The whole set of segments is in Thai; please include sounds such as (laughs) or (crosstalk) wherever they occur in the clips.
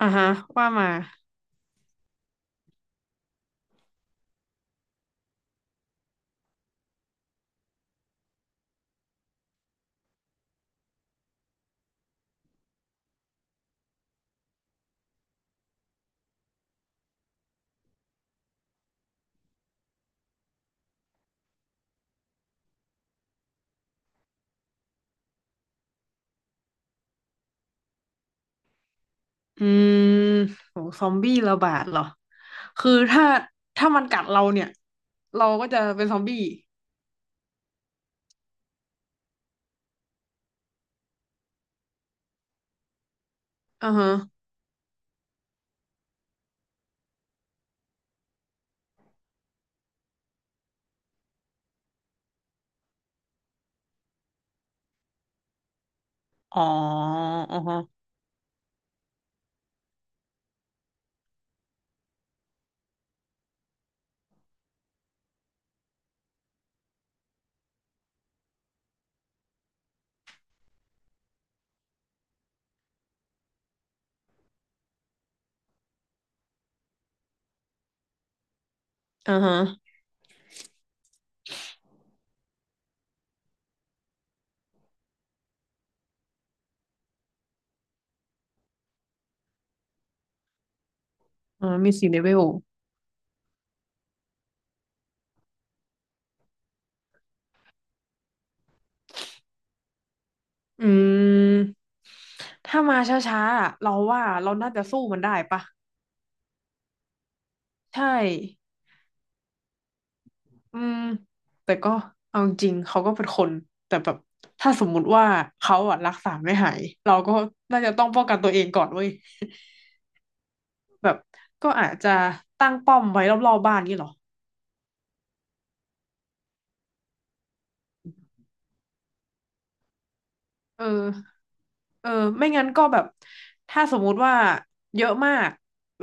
อ่าฮะว่ามาอืมโหซอมบี้ระบาดเหรอคือถ้ามันกัดเราเนี่ยเราก็จะเป็นซอมบี้อ่าฮะอ๋ออ่าฮะอ่าฮะอ่ามีสี่เลเวลอืมถ้ามาช้าๆอะเราว่าเราน่าจะสู้มันได้ปะใช่อืมแต่ก็เอาจริงๆเขาก็เป็นคนแต่แบบถ้าสมมุติว่าเขาอะรักษาไม่หายเราก็น่าจะต้องป้องกันตัวเองก่อนเว้ย แบบก็อาจจะตั้งป้อมไว้รอบๆบ้านนี่หรอเออเออไม่งั้นก็แบบถ้าสมมุติว่าเยอะมาก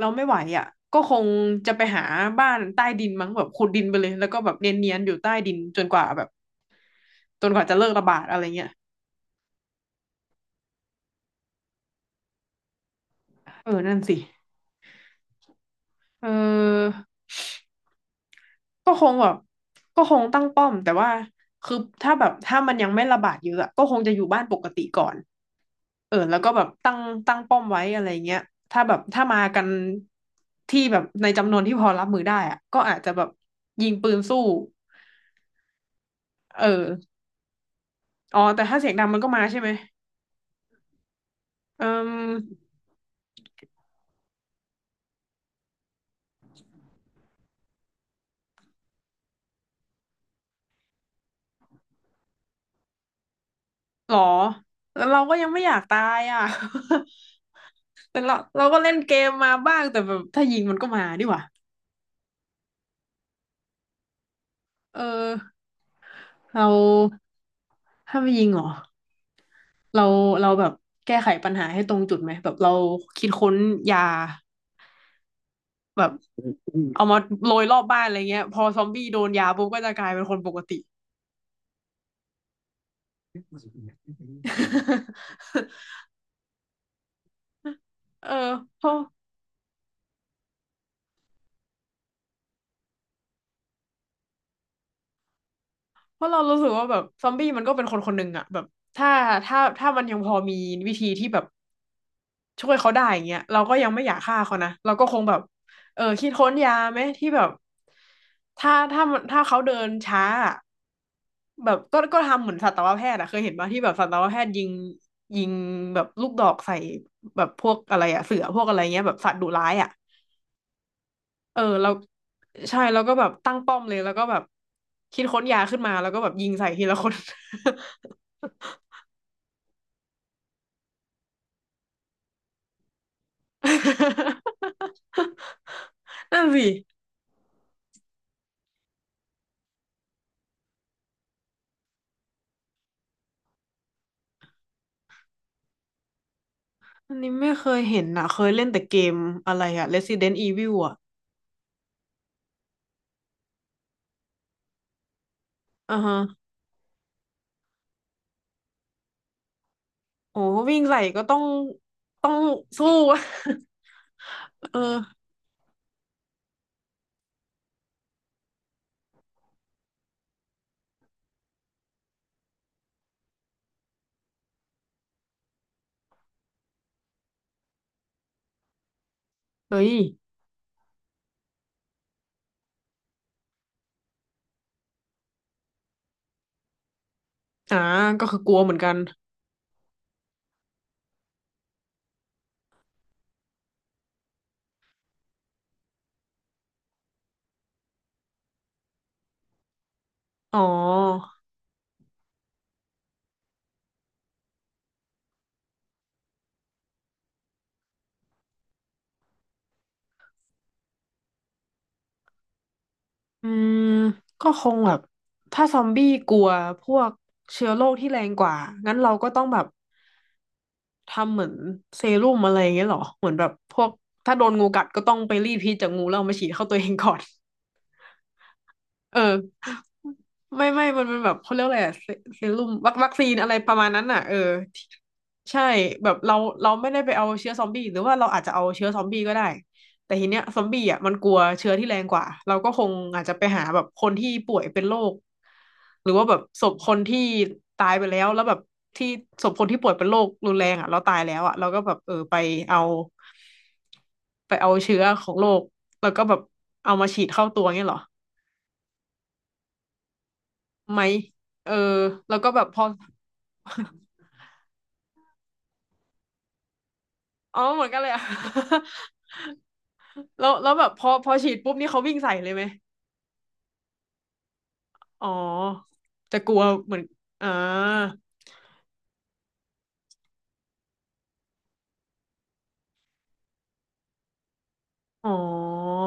เราไม่ไหวอ่ะก็คงจะไปหาบ้านใต้ดินมั้งแบบขุดดินไปเลยแล้วก็แบบเนียนๆอยู่ใต้ดินจนกว่าแบบจนกว่าจะเลิกระบาดอะไรเงี้ยเออนั่นสิเออก็คงแบบก็คงตั้งป้อมแต่ว่าคือถ้าแบบถ้ามันยังไม่ระบาดเยอะอะก็คงจะอยู่บ้านปกติก่อน เออแล้วก็แบบตั้งป้อมไว้อะไรเงี้ยถ้าแบบถ้ามากันที่แบบในจำนวนที่พอรับมือได้อะก็อาจจะแบบยิงปืนสู้เอออ๋อแต่ถ้าเสียงดังมันก็มาใช่ไหมเออหรอแล้วเราก็ยังไม่อยากตายอ่ะ (laughs) แต่เราก็เล่นเกมมาบ้างแต่แบบถ้ายิงมันก็มาดีกว่าเออเราถ้าไม่ยิงเหรอเราเราแบบแก้ไขปัญหาให้ตรงจุดไหมแบบเราคิดค้นยาแบบ เอามาโรยรอบบ้านอะไรเงี้ยพอซอมบี้โดนยาปุ๊บก็จะกลายเป็นคนปกติ (laughs) เออเพราะเพราะเรารู้สึกว่าแบบซอมบี้มันก็เป็นคนคนหนึ่งอะแบบถ้าถ้ามันยังพอมีวิธีที่แบบช่วยเขาได้อย่างเงี้ยเราก็ยังไม่อยากฆ่าเขานะเราก็คงแบบเออคิดค้นยาไหมที่แบบถ้าเขาเดินช้าอะแบบก็ทำเหมือนสัตวแพทย์อะเคยเห็นป่ะที่แบบสัตวแพทย์ยิงแบบลูกดอกใส่แบบพวกอะไรอะเสือพวกอะไรเงี้ยแบบสัตว์ดุร้ายอะ เออเราใช่แล้วก็แบบตั้งป้อมเลยแล้วก็แบบคิดค้นยาขึ้นมาแล้วก็แบบยิงใส่ทีละคน (laughs) นั่นสิอันนี้ไม่เคยเห็นนะเคยเล่นแต่เกมอะไรอะ Resident Evil อะอ่าฮะโอ้วิ่งใส่ก็ต้องสู้ (laughs) เออเฮ้ยอ่าก็คือกลัวเหมือนกันอ๋ออืมก็คงแบบถ้าซอมบี้กลัวพวกเชื้อโรคที่แรงกว่างั้นเราก็ต้องแบบ ทำเหมือนเซรุ่มอะไรอย่างเงี้ยเหรอเหมือนแบบพวกถ้าโดนงูกัดก็ต้องไปรีดพิษจากงูแล้วเอามาฉีดเข้าตัวเองก่อน เออไม่มันแบบเขาเรียกอะไรอะเซรุ่มวัคซีนอะไรประมาณนั้นน่ะเออใช่แบบเราไม่ได้ไปเอาเชื้อซอมบี้หรือว่าเราอาจจะเอาเชื้อซอมบี้ก็ได้แต่ทีเนี้ยซอมบี้อ่ะมันกลัวเชื้อที่แรงกว่าเราก็คงอาจจะไปหาแบบคนที่ป่วยเป็นโรคหรือว่าแบบศพคนที่ตายไปแล้วแล้วแบบที่ศพคนที่ป่วยเป็นโรครุนแรงอ่ะเราตายแล้วอ่ะเราก็แบบเออไปเอาเชื้อของโรคแล้วก็แบบเอามาฉีดเข้าตัวเงี้ยเหรอ ไหมเออแล้วก็แบบพอ อ๋อเหมือนกันเลยอะ (laughs) แล้วแบบพอฉีดปุ๊บนี่เขาวิ่งใส่เลยไหมอ๋อจะกลัวเหมือนอ่าอ๋อ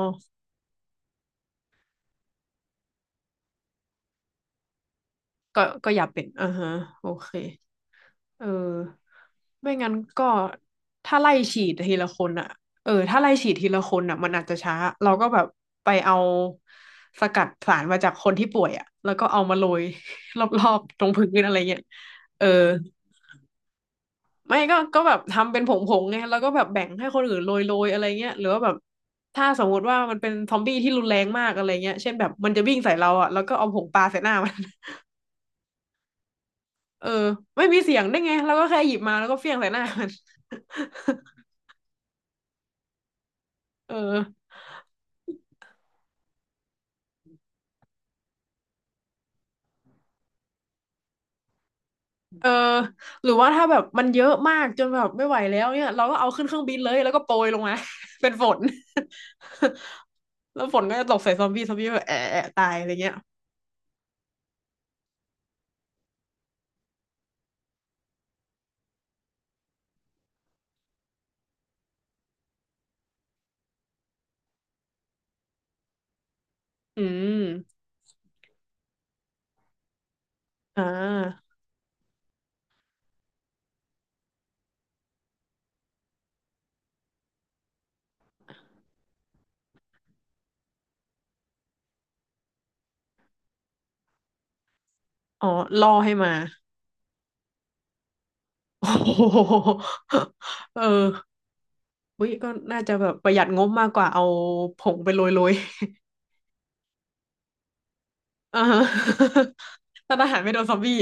ก็อย่าเป็นอ่าฮะ โอเคเออไม่งั้นก็ถ้าไล่ฉีดทีละคนอ่ะเออ ถ้าไล่ฉีดทีละคนอ่ะมันอาจจะช้า เราก็แบบไปเอาสกัดสารมาจากคนที่ป่วยอ่ะแล้วก็เอามาโรย (laughs) รอบๆตรงพื้นอะไรเงี้ยเออ ไม่ก็แบบทำเป็นผงๆไงแล้วก็แบบแบ่งให้คนอื่นโรยๆอะไรเงี้ยหรือว่าแบบถ้าสมมติว่ามันเป็นซอมบี้ที่รุนแรงมากอะไรเงี้ยเช่นแบบมันจะวิ่งใส่เราอ่ะแล้วก็เอาผงปลาใส่หน้ามัน (laughs) เออไม่มีเสียงได้ไงแล้วก็แค่หยิบมาแล้วก็เฟี้ยงใส่หน้ามัน (laughs) เออเออหรือว่าถ้าแบบมันเยอะมากจนแบบไม่ไหวแล้วเนี่ยเราก็เอาขึ้นเครื่องบินเลยแล้วก็โปรยลงมา (laughs) เป็นฝน (laughs) แล้วฝนก็จะตกใส่ซอมบี้ซอมบี้แบบแอะแอะตายอะไรเงี้ยอืมอ่าอ๋อล่อให้มา โอ้โห (laughs) เออวิก็น่าจะแบบประหยัดงบมากกว่าเอาผงไปโรย (laughs) อ่าฮะ (laughs) ถ้าทหารไม่โดนซอมบี้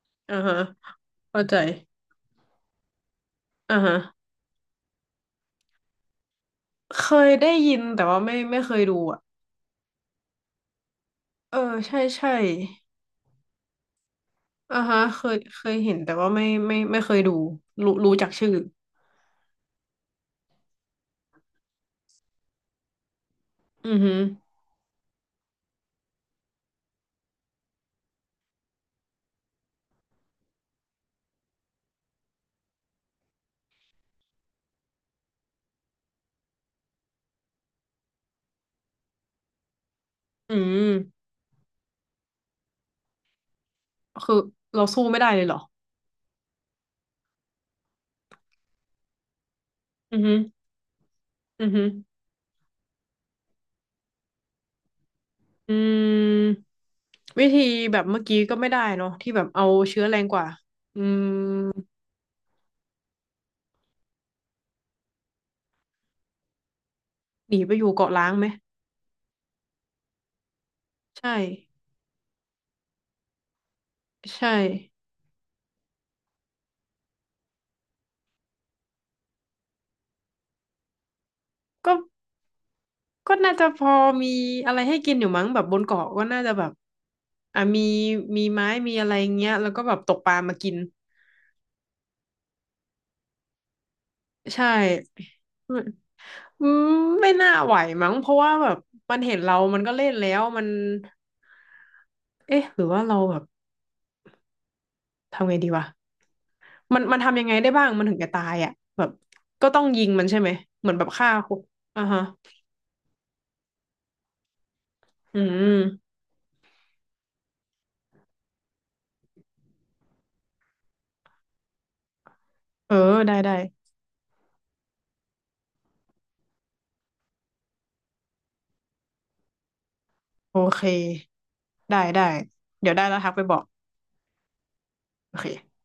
(laughs) อ่าฮะเข้าใจอ่าฮะเคยได้ยินแต่ว่าไม่เคยดูอ่ะเออใช่ใช่อ่าฮะเคยเห็นแต่ว่าไม่เคยดูรู้จักชื่ออือฮึอืมคือเราสู้ไม่ได้เลยเหรอ อือฮึอือฮึ อืมวิธีแบบเมื่อกี้ก็ไม่ได้เนาะที่แบบเอาเชื้อแรงกว่าอืมหนีไปอยู่เกาะล้างไหมใช่ใช่ก็ก็น่าจะพอมีอะไรให้กินอยู่มั้งแบบบนเกาะก็น่าจะแบบอ่ะมีมีไม้อะไรเงี้ยแล้วก็แบบตกปลามากินใช่อืมไม่น่าไหวมั้งเพราะว่าแบบมันเห็นเรามันก็เล่นแล้วมันเอ๊ะหรือว่าเราแบบทำไงดีวะ มันทำยังไงได้บ้างมันถึงจะตายอ่ะแบบก็ต้องยิงมันใช่ไหมเหมือนแบบฆ่าคนอ่าฮะอืมเออได้โอเคได้เดี๋ยวได้แล้วทักไปบอกโอเค